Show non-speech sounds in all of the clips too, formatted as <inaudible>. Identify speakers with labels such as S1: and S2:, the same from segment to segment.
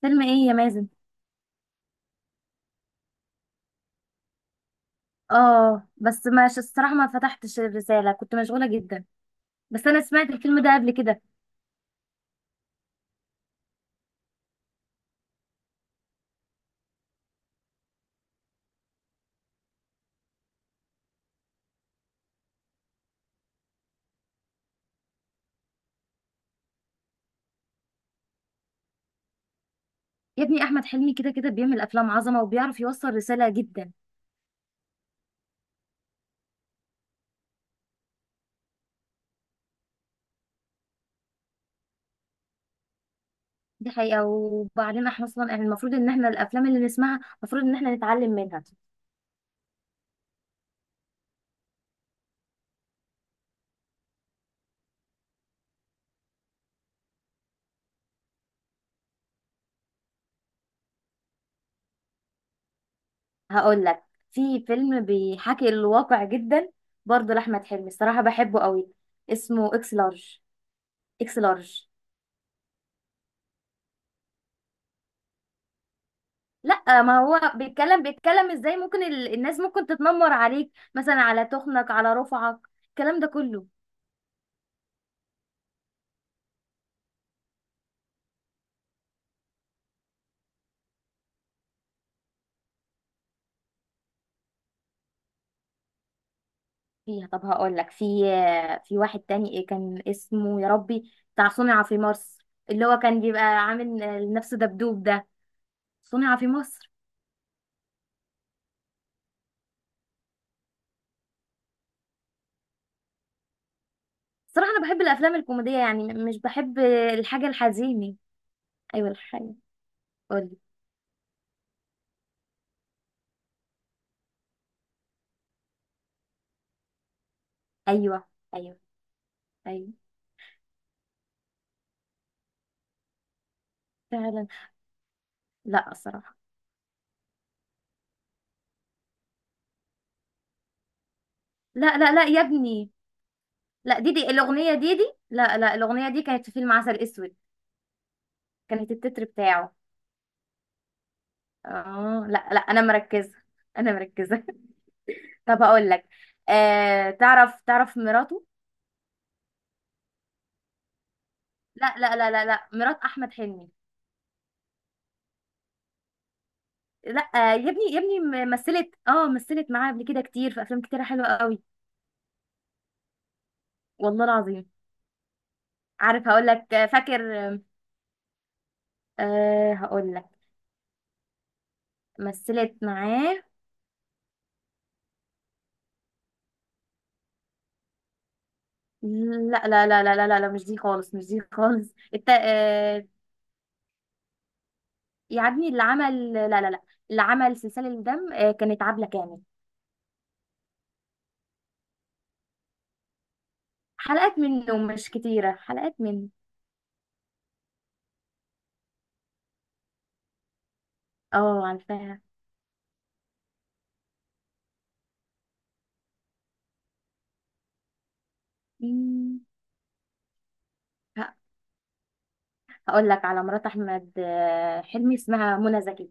S1: فيلم ايه يا مازن؟ اه بس ماشي الصراحه ما فتحتش الرساله، كنت مشغوله جدا. بس انا سمعت الفيلم ده قبل كده. يا ابني احمد حلمي كده كده بيعمل افلام عظمه وبيعرف يوصل رساله جدا. دي حقيقه، وبعدين احنا اصلا يعني المفروض ان احنا الافلام اللي نسمعها المفروض ان احنا نتعلم منها. هقول لك، في فيلم بيحكي الواقع جدا، برضه لاحمد حلمي الصراحه بحبه قوي، اسمه اكس لارج. اكس لارج. لا، ما هو بيتكلم، الناس ممكن تتنمر عليك مثلا على تخنك، على رفعك، الكلام ده كله. فيها. طب هقول لك، في واحد تاني إيه كان اسمه يا ربي، بتاع صنع في مصر، اللي هو كان بيبقى عامل نفسه دبدوب ده، صنع في مصر. صراحة انا بحب الافلام الكوميدية، يعني مش بحب الحاجة الحزينة. ايوه الحاجة. قولي. ايوه. ايوه. ايوه. فعلا. لا الصراحة. لا لا لا يا ابني. لا، ديدي الاغنيه، ديدي لا لا الاغنيه دي كانت في فيلم عسل اسود، كانت التتر بتاعه. اه لا لا انا مركزه. انا مركزه <laughs> طب هقول لك، تعرف مراته؟ لا لا لا لا لا، مرات احمد حلمي. لا، يا ابني، مثلت، مثلت معاه قبل كده كتير في افلام كتير حلوه قوي. والله العظيم. عارف، هقول لك، فاكر، آه، هقول لك. مثلت معاه. لا لا لا لا لا لا لا، مش دي خالص، مش دي خالص الت... آه، يعدني اللي عمل، لا لا لا، اللي عمل سلسلة الدم كانت عبلة كامل. حلقات منه، مش كتيرة حلقات منه. اه عارفاها. مم. ه- هقول لك على مرات احمد حلمي، اسمها منى زكي.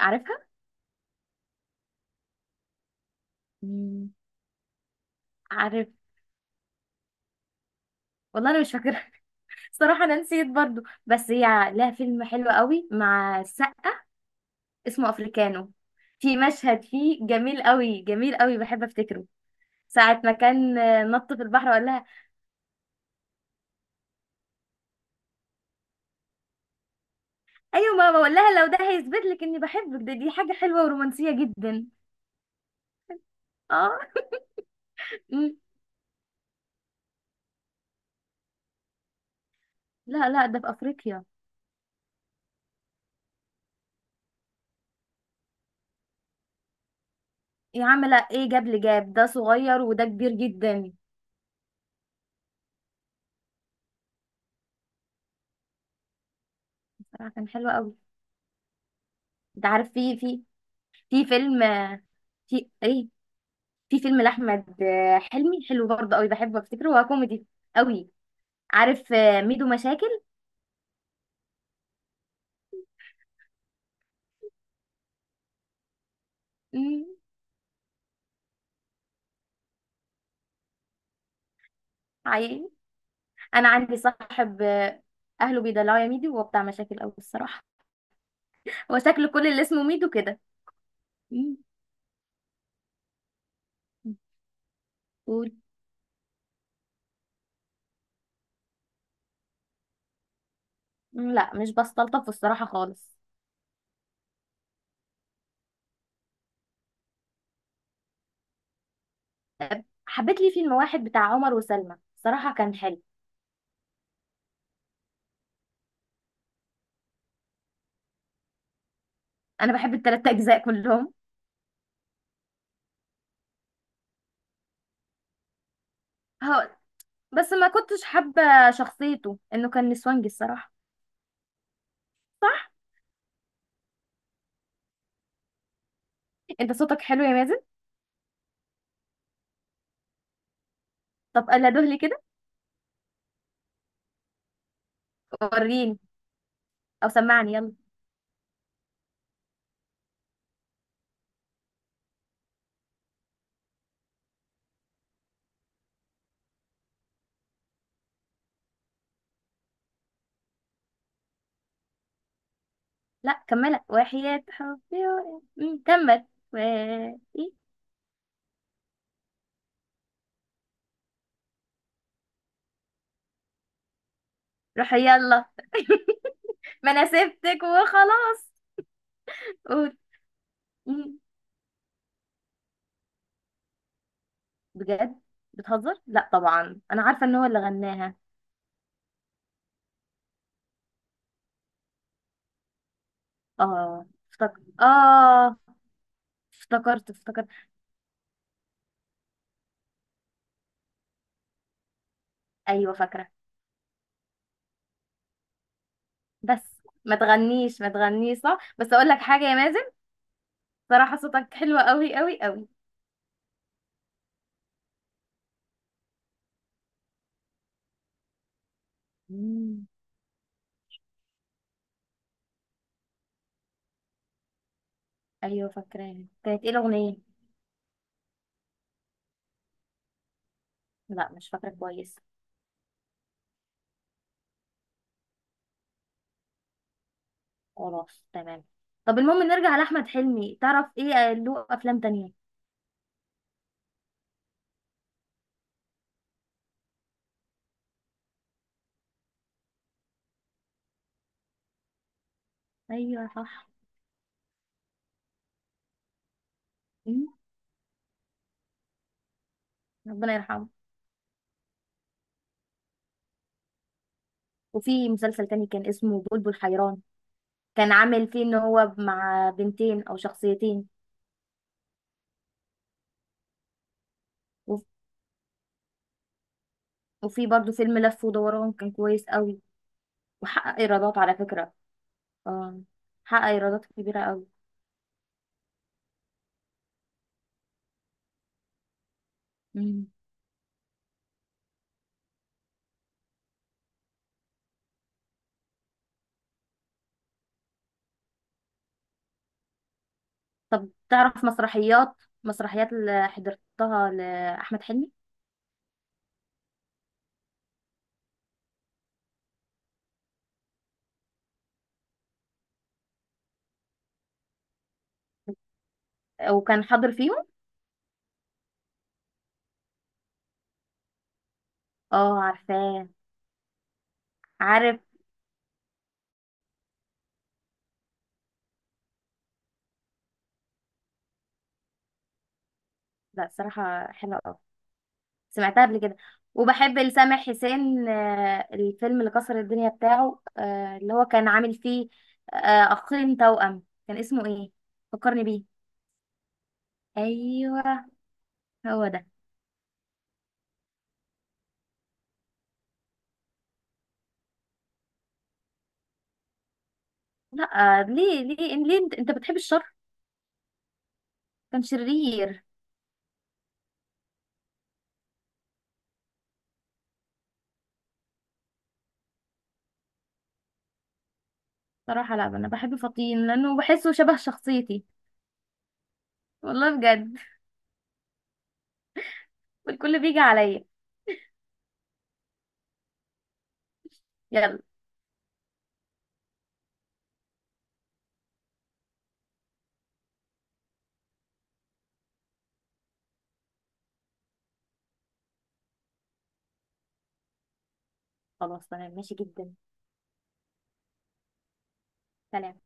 S1: عارفها. مم. عارف. والله انا مش فاكره. <laughs> صراحه انا نسيت برضو، بس هي لها فيلم حلو قوي مع السقا، اسمه افريكانو. في مشهد فيه جميل قوي، جميل قوي، بحب افتكره. ساعة ما كان نط في البحر وقال لها، ايوه، ما بقول لها لو ده هيثبت لك اني بحبك، ده دي حاجه حلوه ورومانسيه جدا. اه. مم. لا لا، ده في افريقيا. يا عم لا، ايه جاب لي، جاب ده صغير وده كبير جدا. صراحه كان حلو قوي. انت عارف، في في فيلم آه، في ايه، في فيلم لاحمد حلمي حلو برضه قوي، بحبه افتكره، هو كوميدي قوي. عارف ميدو مشاكل. مم. عيل، انا عندي صاحب اهله بيدلعوا يا ميدو، وهو بتاع مشاكل قوي الصراحه. هو شكل كل اللي اسمه ميدو كده. مم. مم، لا مش بستلطف الصراحة خالص. حبيت لي فيلم واحد بتاع عمر وسلمى، صراحة كان حلو. أنا بحب التلات أجزاء كلهم. هو، بس ما كنتش حابة شخصيته إنه كان نسوانجي الصراحة. صح. أنت صوتك حلو يا مازن. طب قال لي كده، وريني، أو سمعني يلا. لا كملها وحياة حبي. إيه. مم، كمل. و... إيه؟ روح يلا. <laughs> ما أنا سبتك وخلاص. قول. مم، بجد. بتهزر؟ لا طبعا أنا عارفة إن هو اللي غناها. اه افتكر، اه افتكرت افتكرت. ايوه فاكره. بس ما تغنيش، ما تغنيش صح، بس اقول لك حاجه يا مازن، صراحه صوتك حلو قوي قوي قوي. مم. ايوه فاكراه، كانت ايه الاغنيه؟ لا مش فاكره كويس. خلاص تمام. طب المهم نرجع لاحمد حلمي، تعرف ايه له افلام تانية؟ ايوه صح. مم. ربنا يرحمه. وفي مسلسل تاني كان اسمه بلبل حيران، كان عامل فيه ان هو مع بنتين او شخصيتين. وفي برضو فيلم لف ودوران، كان كويس قوي وحقق ايرادات على فكرة. اه. حقق ايرادات كبيرة قوي. مم. طب تعرف مسرحيات، مسرحيات اللي حضرتها لأحمد حلمي؟ وكان حاضر فيهم؟ اه عارفاه. عارف. لا صراحة حلوة قوي، سمعتها قبل كده. وبحب لسامح حسين الفيلم اللي كسر الدنيا بتاعه، اللي هو كان عامل فيه آه، أخين توأم، كان اسمه ايه؟ فكرني بيه. ايوه هو ده. لا ليه ليه ليه، انت بتحب الشر. كان شرير. صراحة لا، انا بحب فطين لانه بحسه شبه شخصيتي، والله بجد. والكل بيجي عليا. يلا. خلاص تمام ماشي جدا. سلام.